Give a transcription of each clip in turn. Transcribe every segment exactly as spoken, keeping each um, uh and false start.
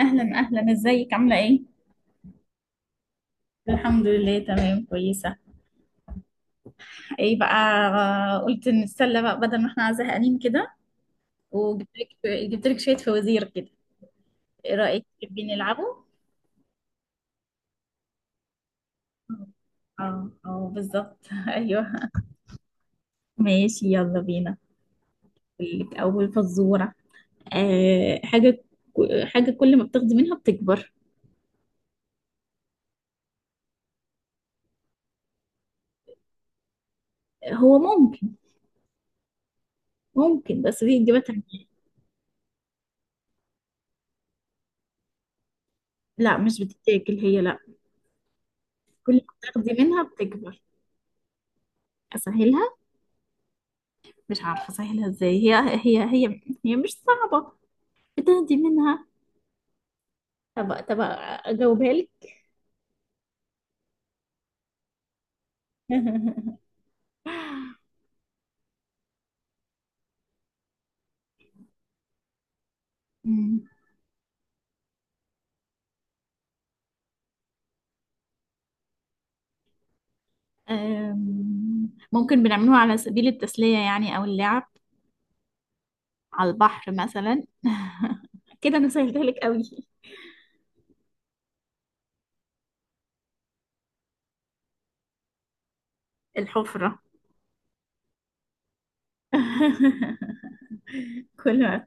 اهلا اهلا، ازيك؟ عامله ايه؟ الحمد لله، تمام، كويسه. ايه بقى؟ آه، قلت نتسلى بقى بدل ما احنا زهقانين كده. وجبت لك. جبت لك شويه فوازير كده. ايه رايك، تحبين نلعبه؟ اه، اه، بالظبط. ايوه. ماشي، يلا بينا. أقول لك اول فزوره. أه حاجه. حاجه كل ما بتاخدي منها بتكبر. هو ممكن. ممكن، بس دي اجابتها. لا، مش بتتاكل هي، لا. كل ما بتاخدي منها بتكبر. اسهلها. مش عارفة سهلها ازاي هي. هي هي هي مش صعبة. بتهدي منها. طب طب اجاوبها لك. أمم، ممكن بنعملوها على سبيل التسلية، يعني او اللعب. على البحر مثلا. كده انا سهلتها لك قوي. الحفرة. كل ما.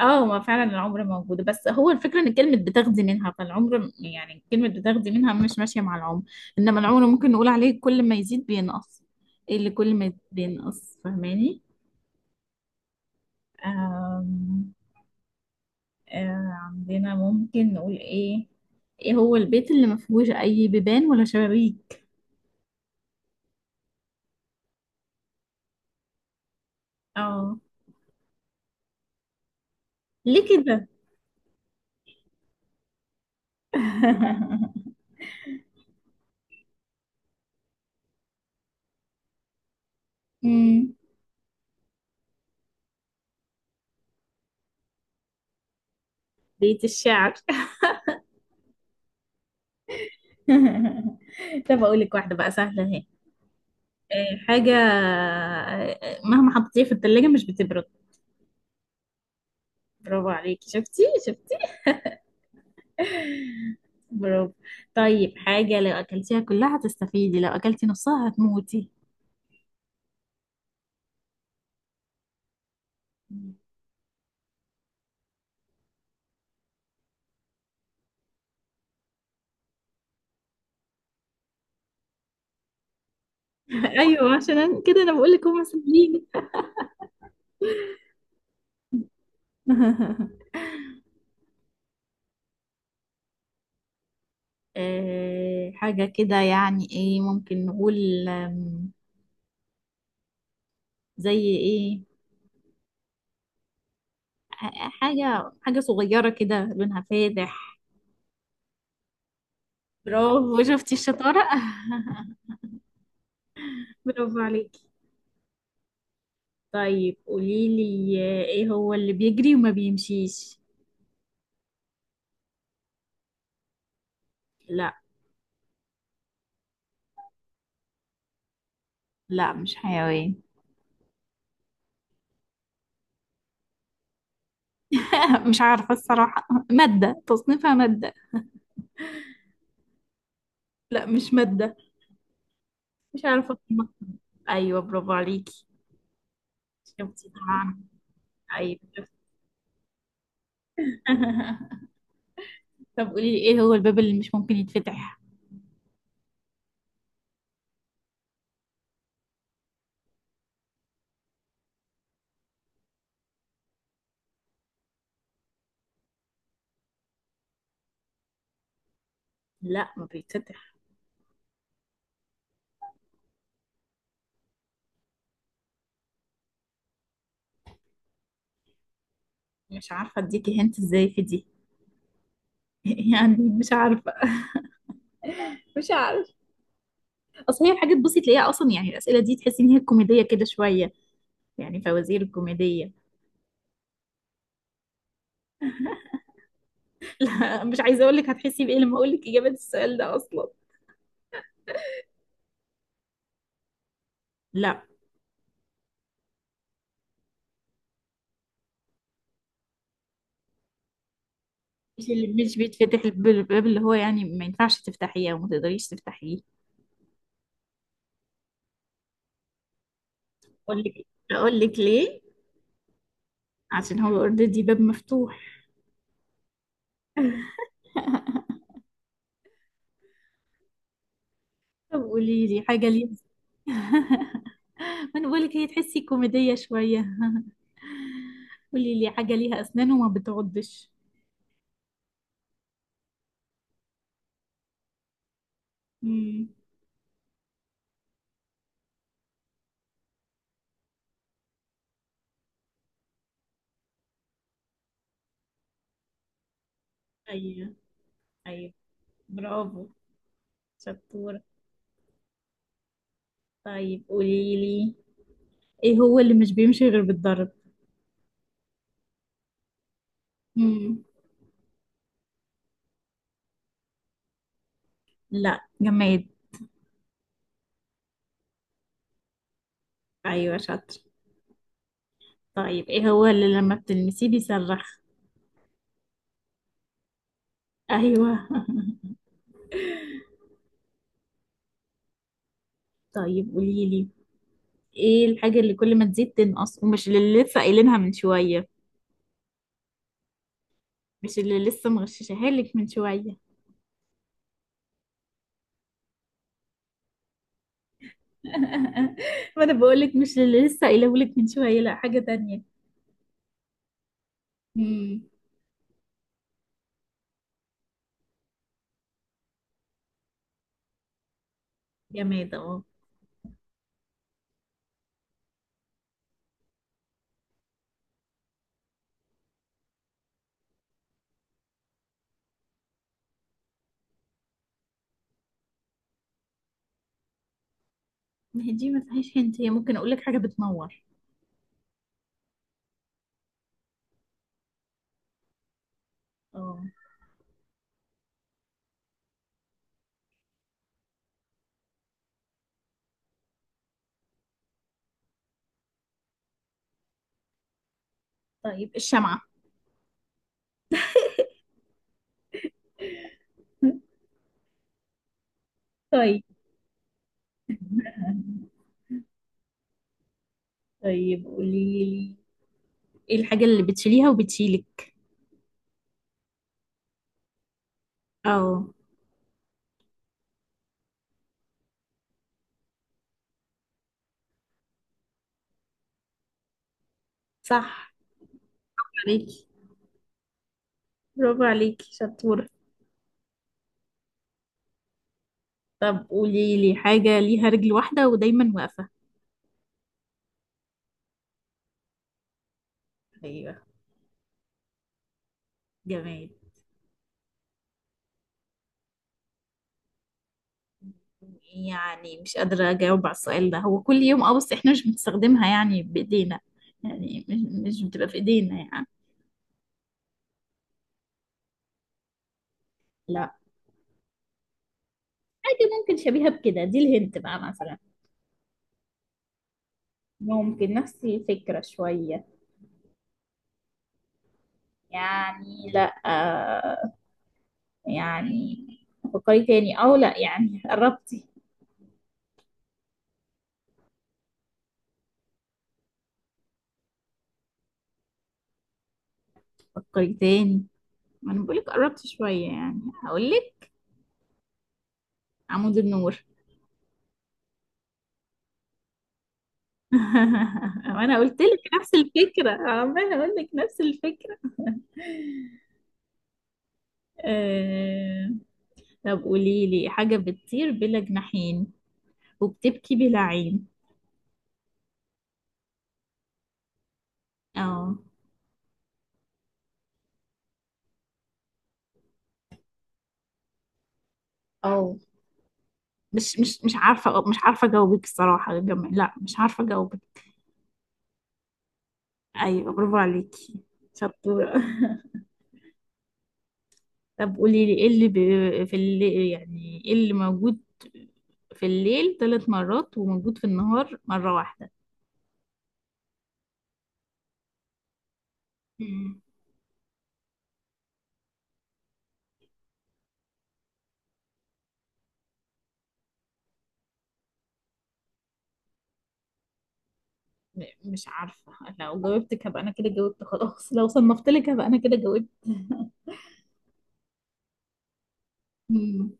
اه، ما فعلا العمر موجودة، بس هو الفكرة ان كلمة بتاخدي منها، فالعمر م- يعني كلمة بتاخدي منها مش ماشية مع العمر. انما العمر ممكن نقول عليه كل ما يزيد بينقص. إيه اللي كل ما يزيد بينقص، فاهماني؟ آم، آه عندنا ممكن نقول ايه. ايه هو البيت اللي ما فيهوش اي بيبان ولا شبابيك؟ اه. ليه كده؟ مم. بيت الشعر. طب اقول لك واحدة بقى سهلة اهي. آه، حاجة آه، مهما حطيتيها في التلاجة مش بتبرد. برافو عليكي، شفتي شفتي. برافو. طيب، حاجة لو أكلتيها كلها هتستفيدي، لو أكلتي نصها هتموتي. أيوة، عشان كده أنا بقول لك هما سهلين. آه، حاجة كده، يعني إيه، ممكن نقول، آم، زي إيه؟ ح- حاجة حاجة صغيرة كده لونها فاتح. برافو، شفتي الشطارة. برافو عليكي. طيب قوليلي، آه، ايه هو اللي بيجري وما بيمشيش؟ لا. لا، مش حيوان. مش عارفة الصراحة، مادة، تصنيفها مادة. لا، مش مادة. مش عارفة أقيمها. ايوه برافو عليكي. شفتي طبعا. ايوه شفتي. طب قولي لي، ايه هو الباب اللي مش ممكن يتفتح؟ لا، ما بيتفتح. مش عارفة اديكي هنت ازاي في دي. يعني مش عارفة. مش عارفة. اصل هي الحاجات بصي تلاقيها اصلا، يعني الاسئلة دي تحسي ان هي كوميدية كده شوية. يعني فوازير كوميدية. لا، مش عايزه اقول لك هتحسي بايه لما اقول لك اجابه السؤال ده اصلا. لا، مش اللي مش بيتفتح، الب- الباب اللي هو يعني ما ينفعش تفتحيه او ما تقدريش تفتحيه. اقول لك. اقول لك ليه. عشان هو اوريدي، باب مفتوح. طب قولي لي حاجه ليها. ما انا بقولك، هي تحسي كوميديه شويه. قولي لي حاجه ليها اسنان وما بتعضش. امم. ايوه. ايوه، برافو، شطوره. طيب قولي لي، ايه هو اللي مش بيمشي غير بالضرب؟ امم. لا، جماد. ايوه شاطر. طيب، ايه هو اللي لما بتلمسيه بيصرخ؟ ايوه. طيب قولي لي، ايه الحاجه اللي كل ما تزيد تنقص، ومش اللي لسه قايلينها من شويه. مش اللي لسه مغششها لك من شويه. ما انا بقول لك مش اللي لسه قايله لك من شويه، لا، حاجه تانية. امم. جماد، اه. ما هي دي ما فيهاش هنت، هي ممكن اقول لك حاجه بتنور. اه. طيب الشمعه. طيب. طيب قولي لي، ايه الحاجه اللي بتشيليها وبتشيلك؟ اه صح. عليك. برافو عليكي، شطورة. طب قولي لي حاجة ليها رجل واحدة ودايما واقفة. ايوه. جمال. يعني مش قادرة أجاوب على السؤال ده، هو كل يوم اه، بس احنا مش بنستخدمها يعني بإيدينا. يعني مش مش بتبقى في إيدينا يعني. لا. حاجة ممكن شبيهة بكده، دي الهنت بقى مثلا. ممكن نفس الفكرة شوية. يعني لا، آه. يعني. فكري تاني، أو لا يعني قربتي. فكري تاني. ما أنا بقولك قربت شوية، يعني هقولك. عمود النور. وانا قلت لك نفس الفكره، عماله اقول لك نفس الفكره. آه... طب قولي لي حاجه بتطير بلا جناحين وبتبكي بلا عين. اه. اه. مش مش مش عارفه، مش عارفه اجاوبك الصراحه، جم... لا، مش عارفه اجاوبك. ايوه برافو عليكي، شطوره. طب قولي لي، ايه اللي ب... في اللي يعني، ايه اللي موجود في الليل ثلاث مرات وموجود في النهار مره واحده؟ م- مش عارفة، لو جاوبتك هبقى أنا كده جاوبت خلاص، لو صنفت لك هبقى أنا كده جاوبت. مم.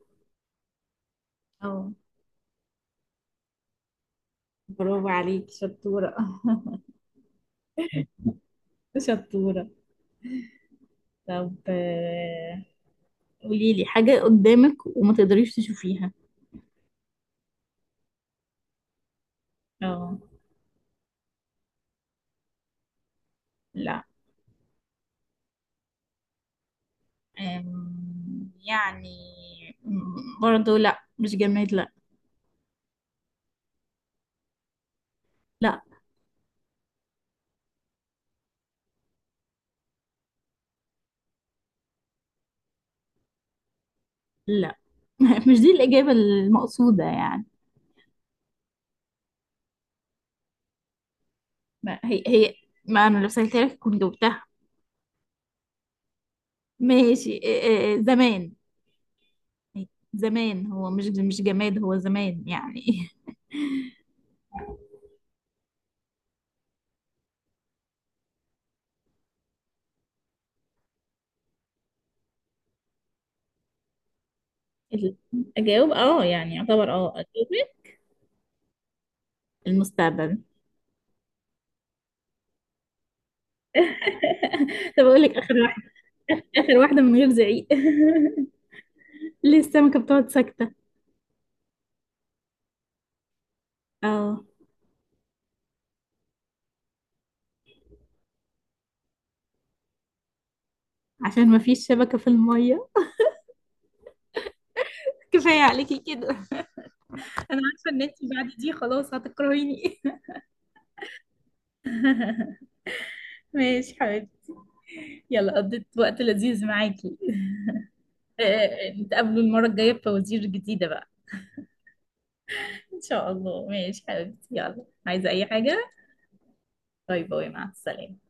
اه. برافو عليك، شطورة. شطورة. طب، آه، قولي لي حاجة قدامك وما تقدريش تشوفيها. اه. لا. أم، يعني. م- برضو لا، مش جماد، لا. لا، لا. مش دي الإجابة المقصودة يعني. ما هي هي، ما أنا لو سألتها لك كنت جاوبتها. ماشي، آه، آه، زمان. زمان هو مش مش جماد، هو زمان يعني. ال- اجاوب، اه يعني يعتبر، اه اجاوب. المستقبل. طب اقول لك اخر واحده. اخر واحده من غير زعيق. ليه السمكة بتقعد ساكتة؟ اه. عشان مفيش شبكة في المية. كفاية عليكي كده. انا عارفه ان انت بعد دي خلاص هتكرهيني. ماشي حبيبتي. يلا، قضيت وقت لذيذ معاكي. آه، نتقابلوا المرة الجاية بفوازير جديدة بقى. إن شاء الله، ماشي حبيبتي، يلا، عايزة أي حاجة؟ باي باي، مع السلامة.